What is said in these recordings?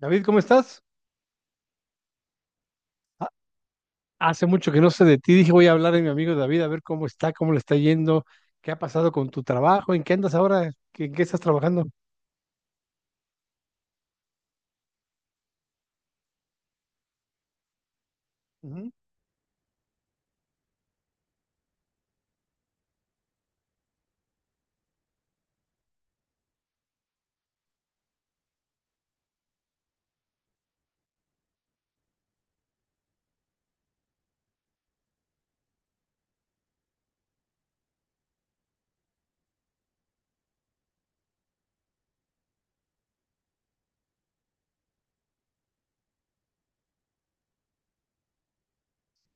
David, ¿cómo estás? Ha- Hace mucho que no sé de ti. Dije, voy a hablar de mi amigo David, a ver cómo está, cómo le está yendo, qué ha pasado con tu trabajo, en qué andas ahora, en qué estás trabajando. Ujú.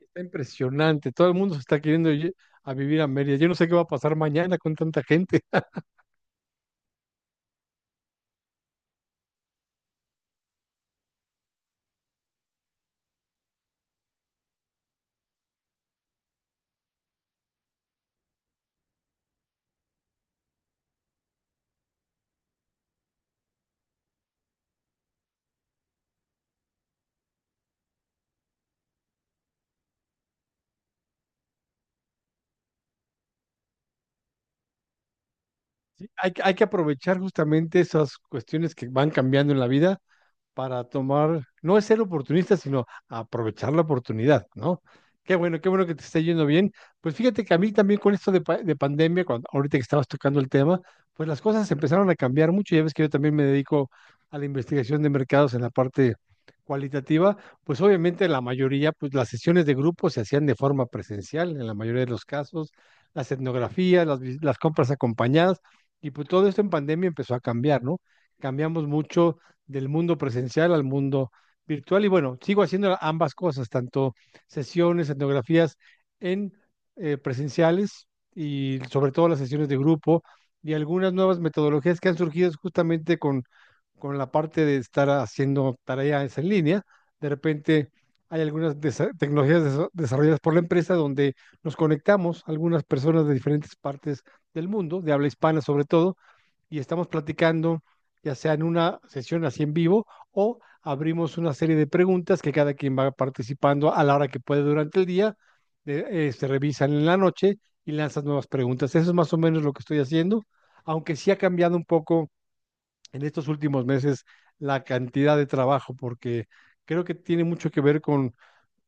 Está impresionante. Todo el mundo se está queriendo ir a vivir a Mérida. Yo no sé qué va a pasar mañana con tanta gente. Sí, hay, hay que aprovechar justamente esas cuestiones que van cambiando en la vida para tomar, no es ser oportunista, sino aprovechar la oportunidad, ¿no? Qué bueno que te esté yendo bien. Pues fíjate que a mí también con esto de, de pandemia, cuando, ahorita que estabas tocando el tema, pues las cosas empezaron a cambiar mucho. Ya ves que yo también me dedico a la investigación de mercados en la parte cualitativa, pues obviamente la mayoría, pues las sesiones de grupo se hacían de forma presencial en la mayoría de los casos, las etnografías, las, las compras acompañadas, y pues todo esto en pandemia empezó a cambiar, ¿no? Cambiamos mucho del mundo presencial al mundo virtual. Y bueno, sigo haciendo ambas cosas, tanto sesiones, etnografías en presenciales y sobre todo las sesiones de grupo y algunas nuevas metodologías que han surgido justamente con la parte de estar haciendo tareas en línea. De repente hay algunas tecnologías desarrolladas por la empresa donde nos conectamos algunas personas de diferentes partes del mundo, de habla hispana sobre todo, y estamos platicando, ya sea en una sesión así en vivo o abrimos una serie de preguntas que cada quien va participando a la hora que puede durante el día, se revisan en la noche y lanzas nuevas preguntas. Eso es más o menos lo que estoy haciendo, aunque sí ha cambiado un poco en estos últimos meses la cantidad de trabajo, porque creo que tiene mucho que ver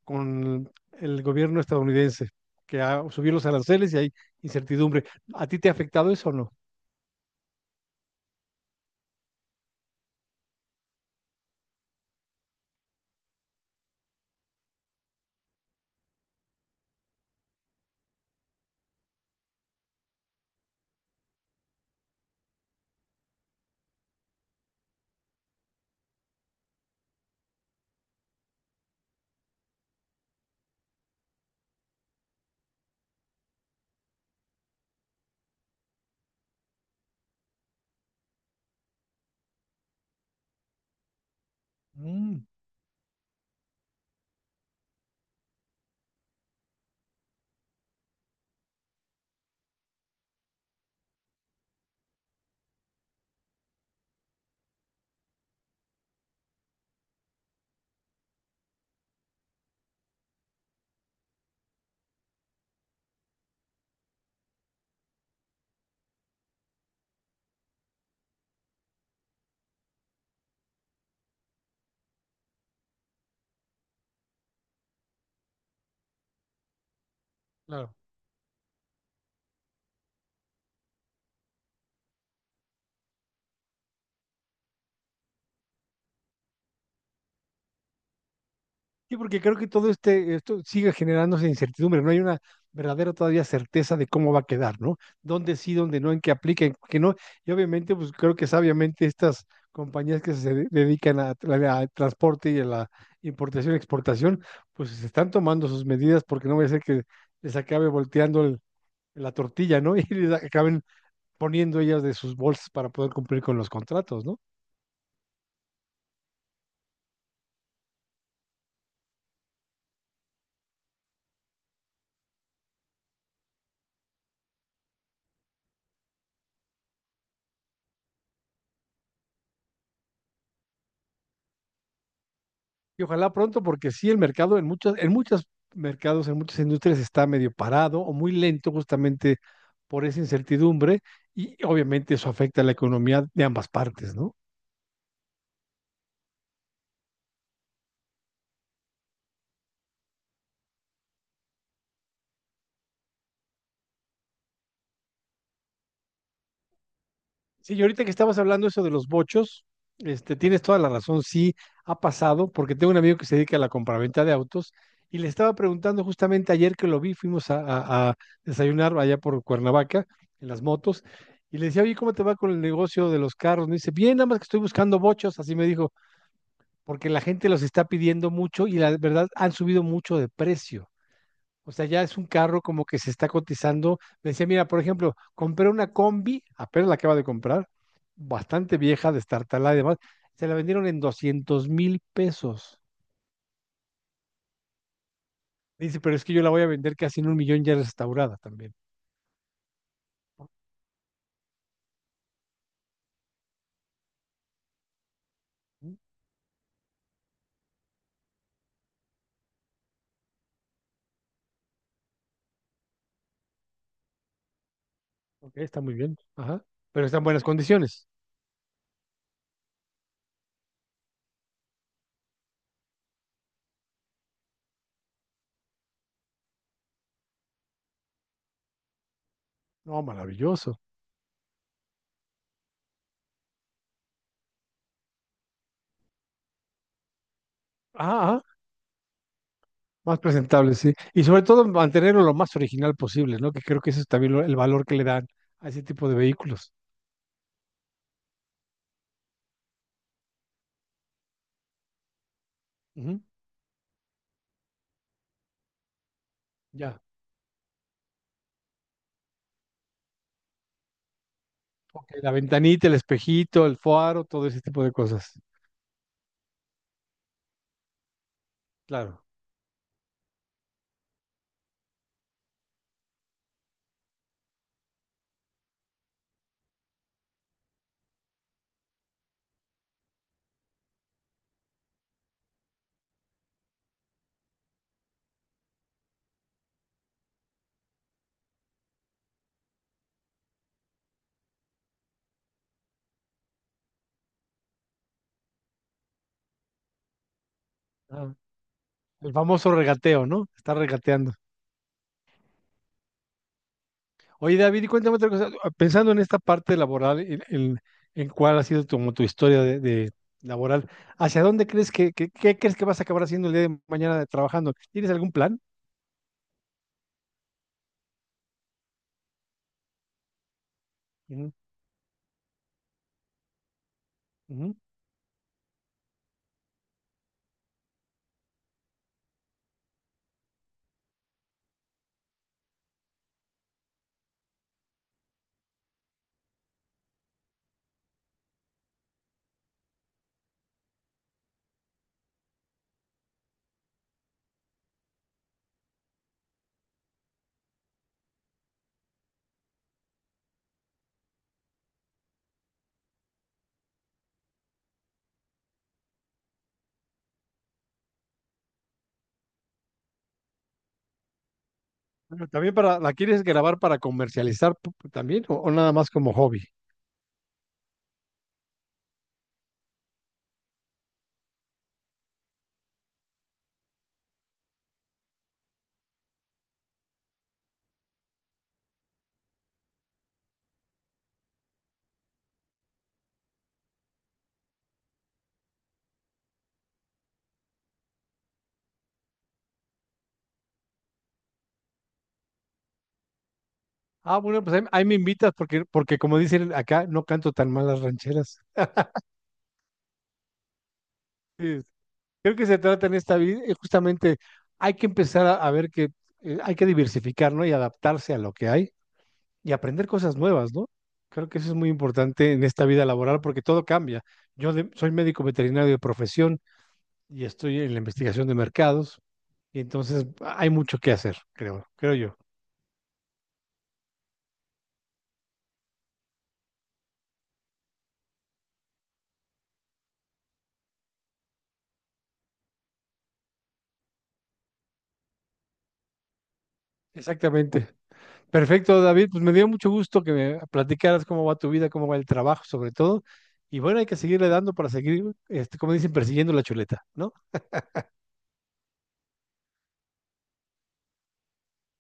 con el gobierno estadounidense, que ha subido los aranceles y hay incertidumbre. ¿A ti te ha afectado eso o no? Mm. Claro. Sí, porque creo que todo este, esto sigue generándose incertidumbre, no hay una verdadera todavía certeza de cómo va a quedar, ¿no? Dónde sí, dónde no, en qué aplica, en qué no. Y obviamente, pues creo que sabiamente estas compañías que se dedican al transporte y a la importación y exportación, pues se están tomando sus medidas porque no vaya a ser que les acabe volteando la tortilla, ¿no? Y les acaben poniendo ellas de sus bolsas para poder cumplir con los contratos, ¿no? Y ojalá pronto, porque sí, el mercado en muchos mercados, en muchas industrias está medio parado o muy lento justamente por esa incertidumbre y obviamente eso afecta a la economía de ambas partes, ¿no? Sí, y ahorita que estabas hablando eso de los bochos, este, tienes toda la razón, sí ha pasado, porque tengo un amigo que se dedica a la compraventa de autos y le estaba preguntando justamente ayer que lo vi, fuimos a, a desayunar allá por Cuernavaca en las motos y le decía, oye, ¿cómo te va con el negocio de los carros? Me dice, bien, nada más que estoy buscando bochos, así me dijo. Porque la gente los está pidiendo mucho y la verdad han subido mucho de precio. O sea, ya es un carro como que se está cotizando. Me decía, mira, por ejemplo, compré una combi, apenas la acaba de comprar, bastante vieja, destartalada y demás, se la vendieron en 200,000 pesos. Dice, pero es que yo la voy a vender casi en un millón ya restaurada también. Ujú. Ok, está muy bien. Ajá. Pero está en buenas condiciones. No, maravilloso. Ah. Más presentable, sí. Y sobre todo mantenerlo lo más original posible, ¿no? Que creo que ese es también el valor que le dan a ese tipo de vehículos. Ujú. Ya. Ok, la ventanita, el espejito, el faro, todo ese tipo de cosas. Claro. Ah, el famoso regateo, ¿no? Está regateando. Oye, David, y cuéntame otra cosa. Ah, pensando en esta parte laboral, en, en cuál ha sido como tu historia de laboral, ¿hacia dónde crees que, qué crees que vas a acabar haciendo el día de mañana trabajando? ¿Tienes algún plan? Ujú, ujú. Bueno, también para, ¿la quieres grabar para comercializar también o nada más como hobby? Ah, bueno, pues ahí, ahí me invitas porque, porque como dicen acá, no canto tan mal las rancheras. Sí, creo que se trata en esta vida, justamente hay que empezar a ver que hay que diversificar, ¿no? Y adaptarse a lo que hay y aprender cosas nuevas, ¿no? Creo que eso es muy importante en esta vida laboral porque todo cambia. Yo soy médico veterinario de profesión y estoy en la investigación de mercados y entonces hay mucho que hacer, creo, creo yo. Exactamente. Perfecto, David. Pues me dio mucho gusto que me platicaras cómo va tu vida, cómo va el trabajo, sobre todo. Y bueno, hay que seguirle dando para seguir, este, como dicen, persiguiendo la chuleta, ¿no?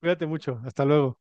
Cuídate mucho. Hasta luego.